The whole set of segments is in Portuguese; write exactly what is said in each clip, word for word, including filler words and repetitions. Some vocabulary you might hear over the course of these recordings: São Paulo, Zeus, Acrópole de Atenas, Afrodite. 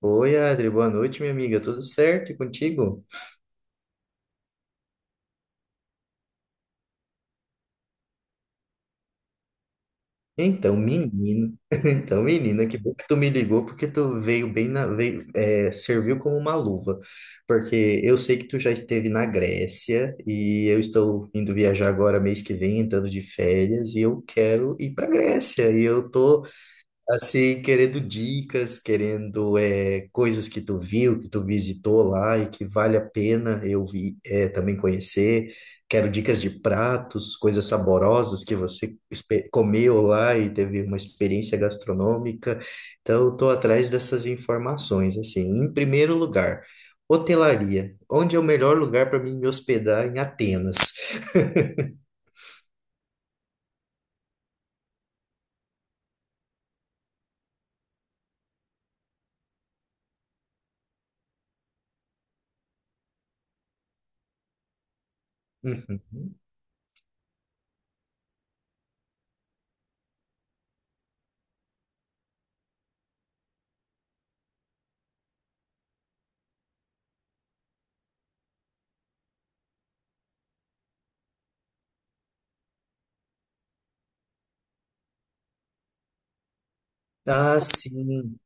Oi, Adri, boa noite, minha amiga. Tudo certo e contigo? Então, menino, então, menina, que bom que tu me ligou, porque tu veio bem na, veio, é, serviu como uma luva, porque eu sei que tu já esteve na Grécia e eu estou indo viajar agora mês que vem, entrando de férias, e eu quero ir para Grécia. E eu tô assim, querendo dicas, querendo é, coisas que tu viu, que tu visitou lá e que vale a pena eu vi, é, também conhecer. Quero dicas de pratos, coisas saborosas que você espe- comeu lá e teve uma experiência gastronômica. Então, estou atrás dessas informações, assim. Em primeiro lugar, hotelaria. Onde é o melhor lugar para mim me hospedar em Atenas? Uhum. Ah, sim,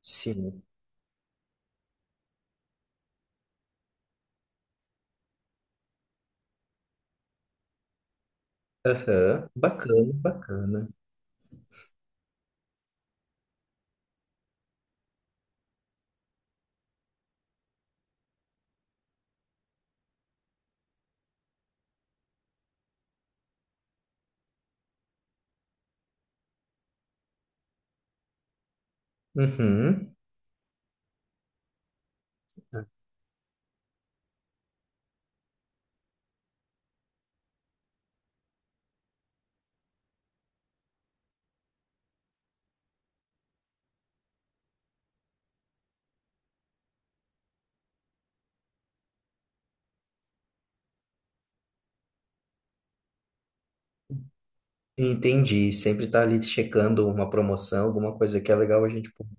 sim. Aham, bacana, bacana. Uhum. Entendi. Sempre tá ali checando uma promoção, alguma coisa que é legal a gente poder.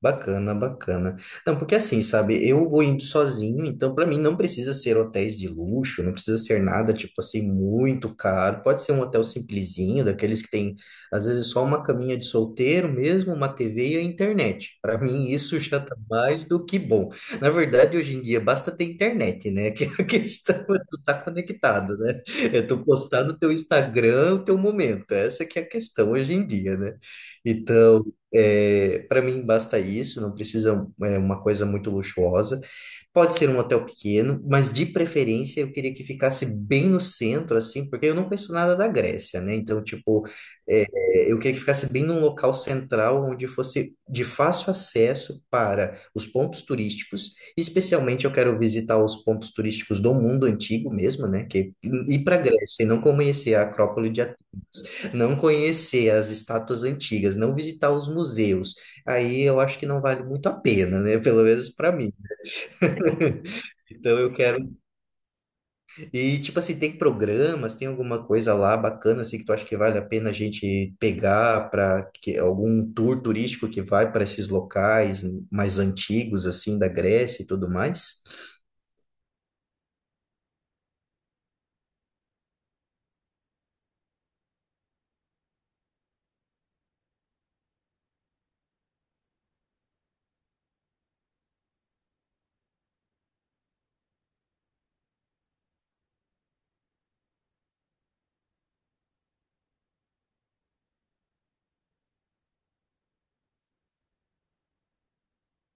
Bacana, bacana. Não, porque assim, sabe, eu vou indo sozinho, então para mim não precisa ser hotéis de luxo, não precisa ser nada tipo assim muito caro. Pode ser um hotel simplesinho, daqueles que tem às vezes só uma caminha de solteiro mesmo, uma T V e a internet. Para mim isso já tá mais do que bom. Na verdade, hoje em dia basta ter internet, né? Que é, a questão é tu tá conectado, né? É tu postar no teu Instagram o teu momento. Essa que é a questão hoje em dia, né? Então, é, para mim basta isso, não precisa é, uma coisa muito luxuosa. Pode ser um hotel pequeno, mas de preferência eu queria que ficasse bem no centro, assim, porque eu não conheço nada da Grécia, né? Então, tipo, é, eu queria que ficasse bem num local central onde fosse de fácil acesso para os pontos turísticos. Especialmente eu quero visitar os pontos turísticos do mundo antigo mesmo, né? Que ir para a Grécia e não conhecer a Acrópole de Atenas, não conhecer as estátuas antigas, não visitar os museus. Aí eu acho que não vale muito a pena, né? Pelo menos para mim. Então eu quero e, tipo assim, tem programas, tem alguma coisa lá bacana, assim, que tu acha que vale a pena a gente pegar para algum tour turístico que vai para esses locais mais antigos, assim, da Grécia e tudo mais?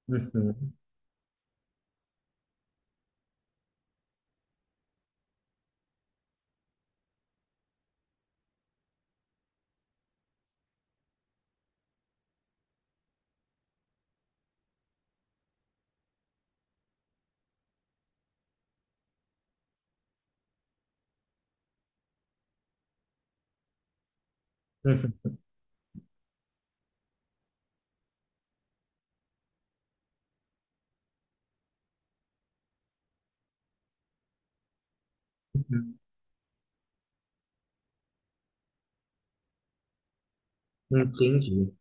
Uhum, uhum, uhum. Entendi.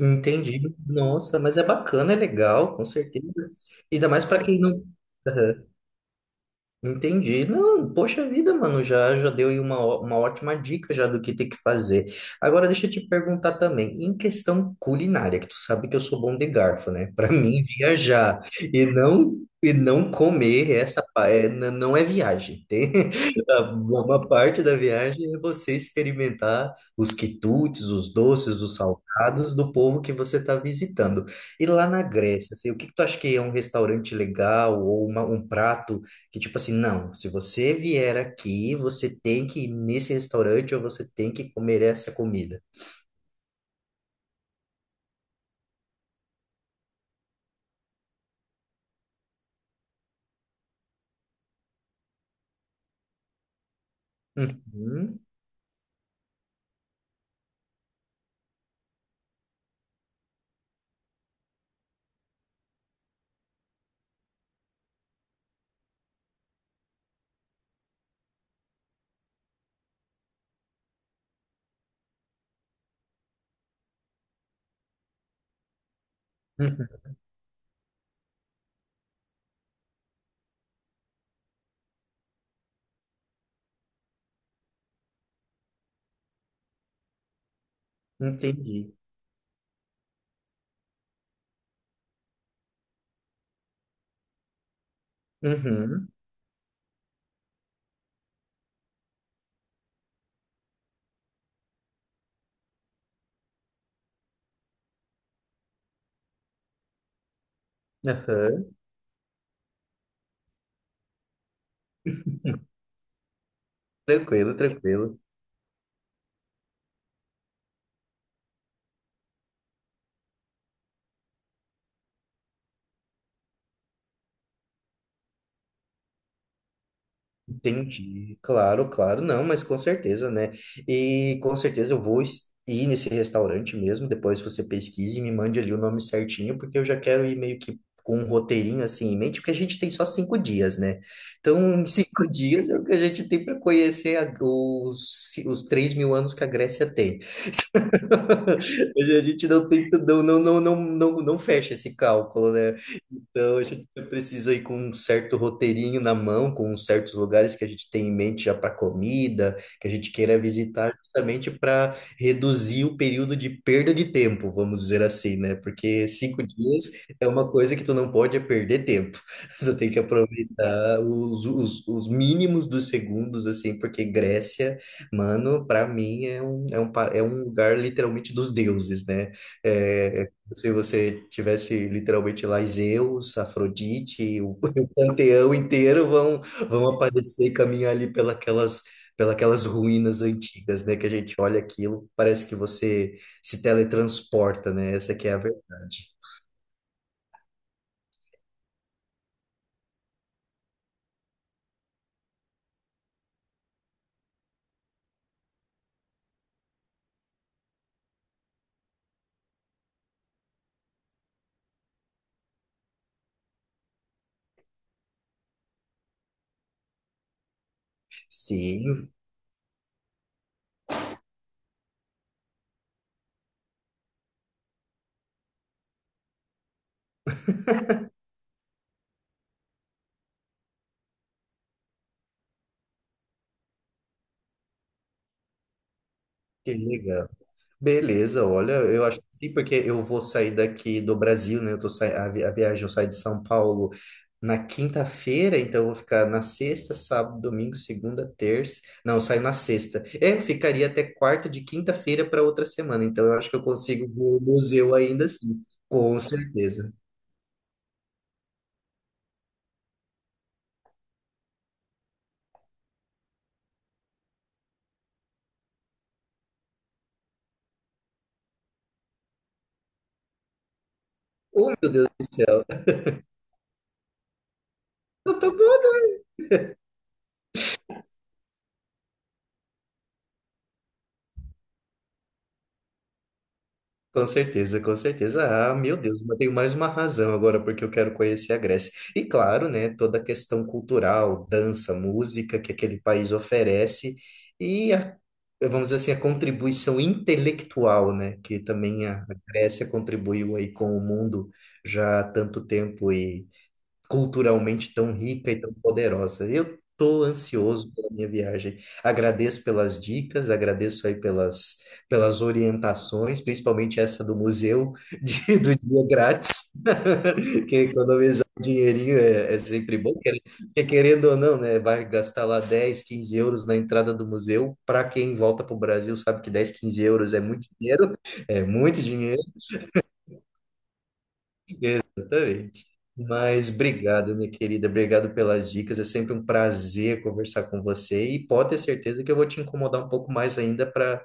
Entendi. Nossa, mas é bacana, é legal, com certeza. Ainda mais para quem não. Entendi. Não, poxa vida, mano, já já deu aí uma, ó- uma ótima dica já do que tem que fazer. Agora deixa eu te perguntar também, em questão culinária, que tu sabe que eu sou bom de garfo, né? Para mim viajar e não e não comer essa pa- é, n- não é viagem. Tem a- uma parte da viagem é você experimentar os quitutes, os doces, os salgados do povo que você está visitando. E lá na Grécia, assim, o que que tu acha que é um restaurante legal ou uma- um prato que tipo assim, não, se você vier aqui, você tem que ir nesse restaurante ou você tem que comer essa comida. Uhum, uhum, entendi. Uhum, aham, tranquilo, tranquilo. Entendi, claro, claro, não, mas com certeza, né? E com certeza eu vou es- ir nesse restaurante mesmo. Depois você pesquise e me mande ali o nome certinho, porque eu já quero ir meio que com um roteirinho assim em mente, porque a gente tem só cinco dias, né? Então, em cinco dias é o que a gente tem para conhecer a- os, ci- os três mil anos que a Grécia tem. Hoje a gente não tem, não, não, não, não, não, não fecha esse cálculo, né? Então a gente precisa ir com um certo roteirinho na mão, com certos lugares que a gente tem em mente já para comida, que a gente queira visitar justamente para reduzir o período de perda de tempo, vamos dizer assim, né? Porque cinco dias é uma coisa que tu não pode é perder tempo. Tu tem que aproveitar os, os, os mínimos dos segundos, assim, porque Grécia. Mano, pra mim é um, é um, pa- é um lugar literalmente dos deuses, né? É, é como se você tivesse literalmente lá Zeus, Afrodite, o, o panteão inteiro vão, vão aparecer e caminhar ali pelas, pelas ruínas antigas, né? Que a gente olha aquilo, parece que você se teletransporta, né? Essa que é a verdade. Sim, que legal. Beleza, olha, eu acho que sim, porque eu vou sair daqui do Brasil, né? Eu tô sai... a vi- a viagem, eu saio de São Paulo na quinta-feira, então eu vou ficar na sexta, sábado, domingo, segunda, terça. Não, eu saio na sexta. É, eu ficaria até quarta, de quinta-feira para outra semana, então eu acho que eu consigo ver o museu ainda assim, com certeza. Oh, meu Deus do céu. Eu tô com certeza, com certeza. Ah, meu Deus, mas tenho mais uma razão agora porque eu quero conhecer a Grécia. E claro, né, toda a questão cultural, dança, música que aquele país oferece e a, vamos dizer assim, a contribuição intelectual, né, que também a, a Grécia contribuiu aí com o mundo já há tanto tempo, culturalmente tão rica e tão poderosa. Eu estou ansioso pela minha viagem. Agradeço pelas dicas, agradeço aí pelas, pelas orientações, principalmente essa do museu de- do dia grátis, que economizar um dinheirinho é, é sempre bom, quer- porque querendo ou não, né, vai gastar lá dez, quinze euros na entrada do museu. Para quem volta para o Brasil, sabe que dez, quinze euros é muito dinheiro, é muito dinheiro. Exatamente. Mas obrigado, minha querida. Obrigado pelas dicas. É sempre um prazer conversar com você, e pode ter certeza que eu vou te incomodar um pouco mais ainda para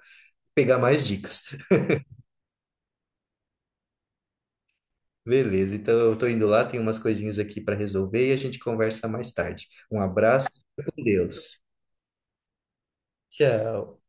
pegar mais dicas. Beleza, então eu tô indo lá, tem umas coisinhas aqui para resolver e a gente conversa mais tarde. Um abraço, fica com Deus. Tchau.